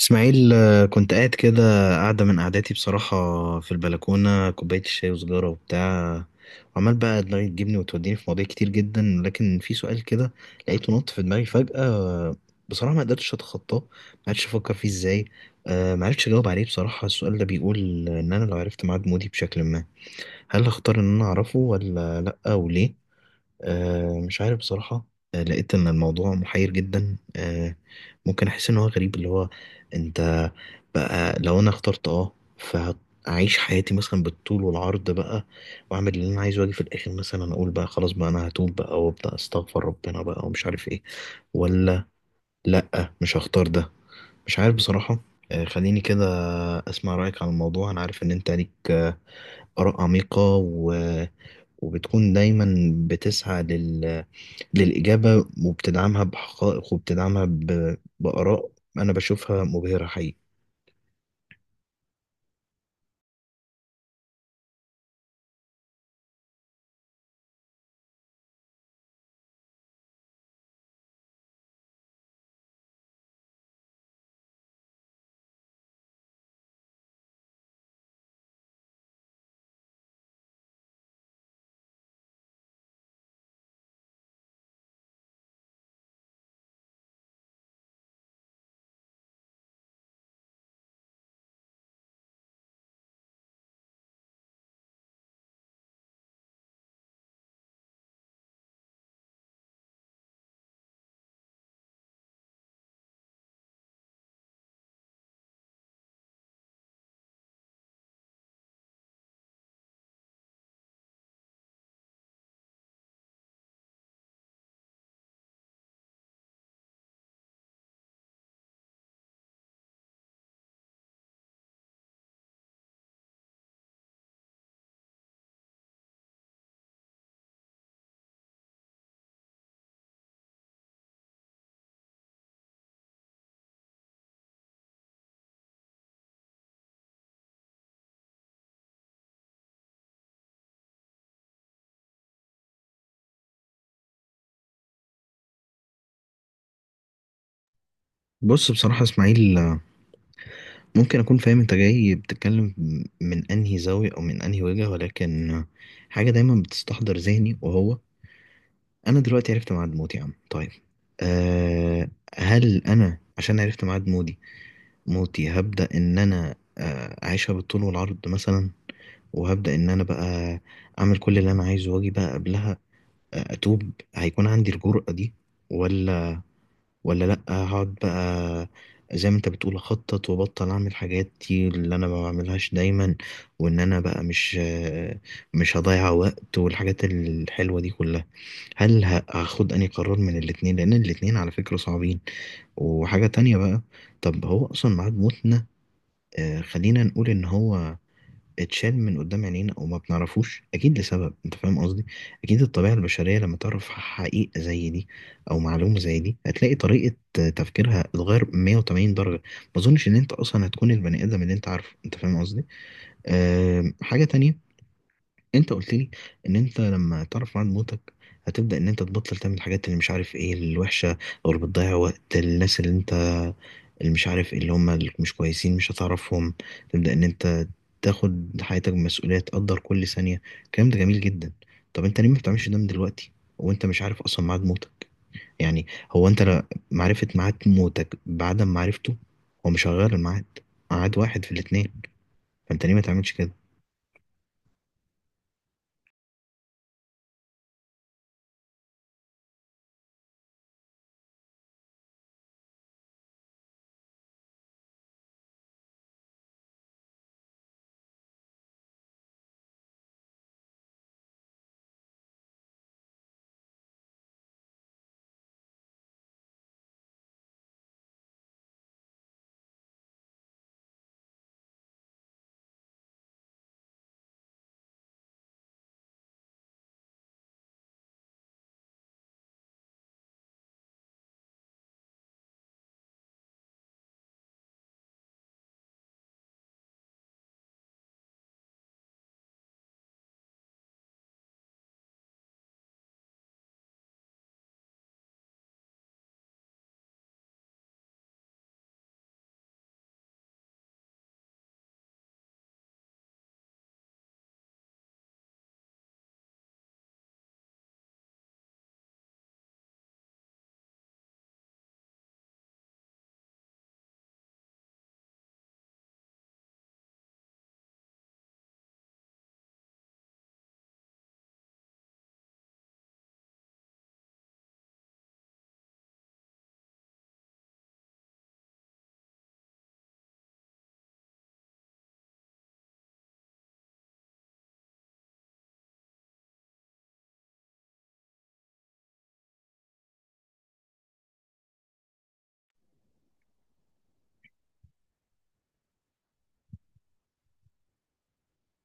اسماعيل، كنت قاعد كده، قاعدة من قعداتي بصراحة، في البلكونة كوباية الشاي وسجارة وبتاع. وعمال بقى دماغي تجيبني وتوديني في مواضيع كتير جدا، لكن في سؤال كده لقيته نط في دماغي فجأة. بصراحة ما قدرتش أتخطاه، ما عرفتش أفكر فيه إزاي. ما عرفتش أجاوب عليه. بصراحة السؤال ده بيقول إن أنا لو عرفت ميعاد مودي بشكل ما، هل هختار إن أنا أعرفه ولا لأ، وليه؟ مش عارف بصراحة. لقيت إن الموضوع محير جدا. ممكن أحس إن هو غريب، اللي هو أنت بقى لو أنا اخترت أه فأعيش حياتي مثلا بالطول والعرض بقى، وأعمل اللي أنا عايزه، وأجي في الآخر مثلا أقول بقى خلاص بقى أنا هتوب بقى وأبدأ أستغفر ربنا بقى ومش عارف إيه، ولا لأ مش هختار ده. مش عارف بصراحة. خليني كده أسمع رأيك عن الموضوع. أنا عارف إن أنت ليك آراء عميقة وبتكون دايما بتسعى للإجابة، وبتدعمها بحقائق وبتدعمها بآراء أنا بشوفها مبهرة حقيقي. بص، بصراحة يا إسماعيل، ممكن أكون فاهم أنت جاي بتتكلم من أنهي زاوية أو من أنهي وجهة، ولكن حاجة دايما بتستحضر ذهني، وهو أنا دلوقتي عرفت ميعاد موتي. يا عم طيب، أه، هل أنا عشان عرفت ميعاد موتي هبدأ إن أنا أعيشها بالطول والعرض مثلا، وهبدأ إن أنا بقى أعمل كل اللي أنا عايزه وأجي بقى قبلها اتوب، هيكون عندي الجرأة دي؟ ولا ولا لا، هقعد بقى زي ما انت بتقول، اخطط وابطل اعمل حاجات، دي اللي انا ما بعملهاش دايما، وان انا بقى مش هضيع وقت، والحاجات الحلوة دي كلها؟ هل هاخد اني قرار من الاتنين، لان الاتنين على فكرة صعبين. وحاجة تانية بقى، طب هو اصلا ميعاد موتنا خلينا نقول ان هو اتشال من قدام عينينا وما بنعرفوش، اكيد لسبب انت فاهم قصدي. اكيد الطبيعه البشريه لما تعرف حقيقه زي دي او معلومه زي دي، هتلاقي طريقه تفكيرها اتغير 180 درجه. ما اظنش ان انت اصلا هتكون البني ادم اللي انت عارفه، انت فاهم قصدي. أه، حاجه تانية. انت قلت لي ان انت لما تعرف ميعاد موتك هتبدا ان انت تبطل تعمل الحاجات اللي مش عارف ايه الوحشه، او اللي بتضيع وقت، الناس اللي انت، اللي مش عارف إيه، اللي هم اللي مش كويسين، مش هتعرفهم. تبدأ ان انت تاخد حياتك بمسؤولية، تقدر كل ثانية. الكلام ده جميل جدا. طب انت ليه ما بتعملش ده من دلوقتي وانت مش عارف اصلا ميعاد موتك؟ يعني، هو انت معرفة ميعاد موتك بعدم معرفته هو مش هيغير الميعاد. ميعاد واحد في الاتنين، فانت ليه ما تعملش كده؟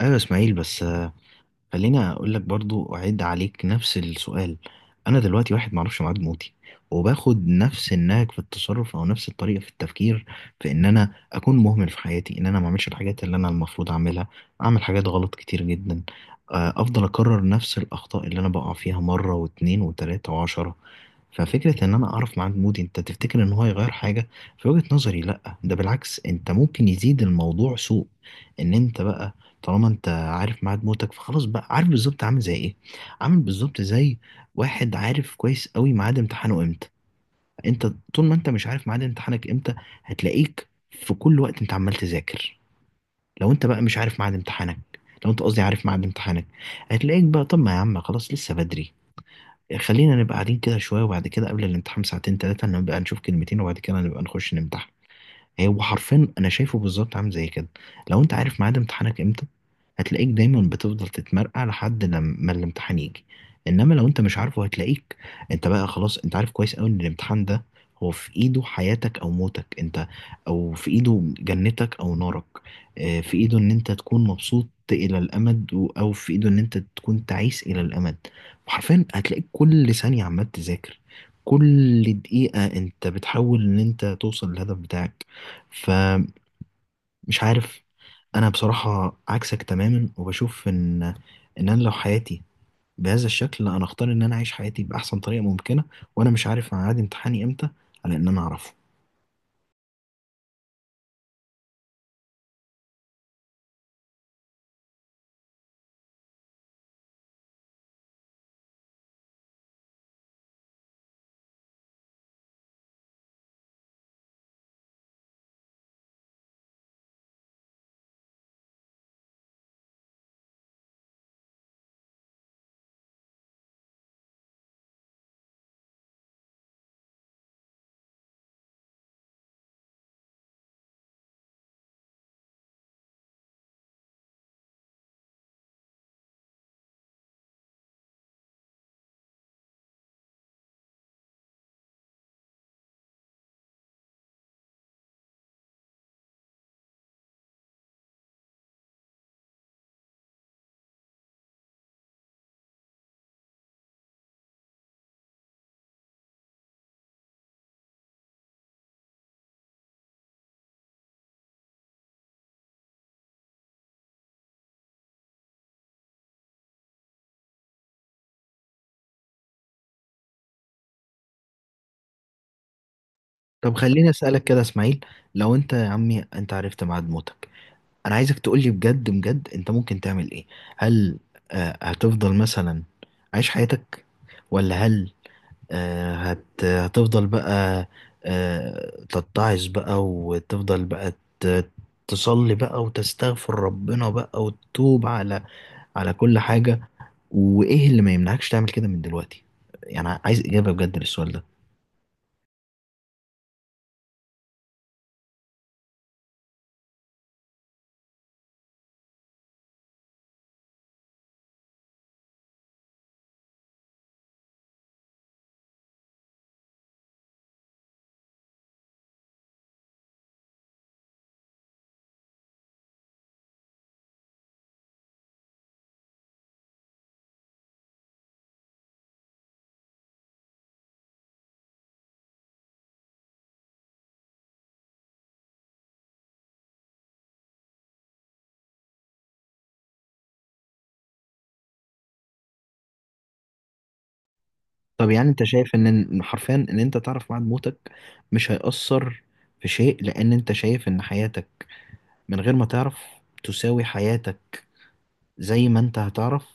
ايوه يا اسماعيل، بس خليني اقول لك برضو، اعيد عليك نفس السؤال. انا دلوقتي واحد معرفش ميعاد موتي وباخد نفس النهج في التصرف او نفس الطريقه في التفكير، في ان انا اكون مهمل في حياتي، ان انا ما اعملش الحاجات اللي انا المفروض اعملها، اعمل حاجات غلط كتير جدا، افضل اكرر نفس الاخطاء اللي انا بقع فيها مره واتنين وتلاته وعشرة. ففكرة ان انا اعرف ميعاد مودي، انت تفتكر ان هو هيغير حاجة؟ في وجهة نظري لا، ده بالعكس انت ممكن يزيد الموضوع سوء. ان انت بقى طالما انت عارف ميعاد موتك، فخلاص بقى عارف بالظبط عامل زي ايه. عامل بالظبط زي واحد عارف كويس قوي ميعاد امتحانه امتى. انت طول ما انت مش عارف ميعاد امتحانك امتى، هتلاقيك في كل وقت انت عمال تذاكر. لو انت بقى مش عارف ميعاد امتحانك، لو انت قصدي عارف ميعاد امتحانك، هتلاقيك بقى طب ما يا عم خلاص لسه بدري، خلينا نبقى قاعدين كده شوية، وبعد كده قبل الامتحان ساعتين تلاتة نبقى نشوف كلمتين، وبعد كده نبقى نخش نمتحن. هو حرفيا انا شايفه بالظبط عامل زي كده. لو انت عارف ميعاد امتحانك امتى، هتلاقيك دايما بتفضل تتمرقع لحد لما الامتحان يجي. انما لو انت مش عارفه، هتلاقيك انت بقى خلاص انت عارف كويس قوي ان الامتحان ده هو في ايده حياتك او موتك انت، او في ايده جنتك او نارك. في ايده ان انت تكون مبسوط الى الامد او في ايده ان انت تكون تعيس الى الامد. وحرفيا هتلاقيك كل ثانية عمال تذاكر، كل دقيقة انت بتحاول ان انت توصل للهدف بتاعك. فمش عارف، انا بصراحة عكسك تماما، وبشوف ان انا لو حياتي بهذا الشكل لا، انا اختار ان انا اعيش حياتي باحسن طريقة ممكنة وانا مش عارف ميعاد امتحاني امتى، على ان انا اعرفه. طب خليني اسالك كده يا اسماعيل، لو انت يا عمي انت عرفت ميعاد موتك، انا عايزك تقولي بجد بجد انت ممكن تعمل ايه؟ هل هتفضل مثلا عايش حياتك، ولا هل هتفضل بقى تتعظ بقى وتفضل بقى ت- تصلي بقى وتستغفر ربنا بقى وتتوب على كل حاجة؟ وإيه اللي ما يمنعكش تعمل كده من دلوقتي؟ يعني عايز إجابة بجد للسؤال ده. طب يعني أنت شايف إن حرفيا إن أنت تعرف بعد موتك مش هيأثر في شيء، لأن أنت شايف إن حياتك من غير ما تعرف تساوي حياتك زي ما انت هتعرف.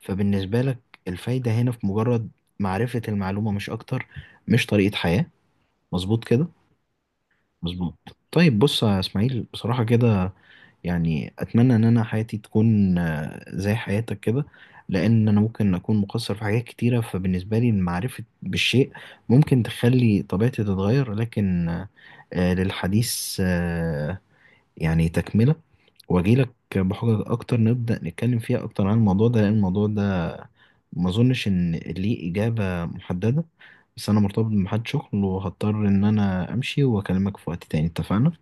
فبالنسبة لك الفايدة هنا في مجرد معرفة المعلومة، مش أكتر، مش طريقة حياة. مظبوط كده؟ مظبوط. طيب بص يا إسماعيل، بصراحة كده يعني أتمنى إن أنا حياتي تكون زي حياتك كده، لأن أنا ممكن أكون مقصر في حاجات كتيرة. فبالنسبة لي المعرفة بالشيء ممكن تخلي طبيعتي تتغير، لكن للحديث يعني تكملة، واجيلك بحجج اكتر، نبدأ نتكلم فيها اكتر عن الموضوع ده، لان الموضوع ده ما اظنش ان ليه اجابة محددة. بس انا مرتبط بميعاد شغل وهضطر ان انا امشي واكلمك في وقت تاني، اتفقنا؟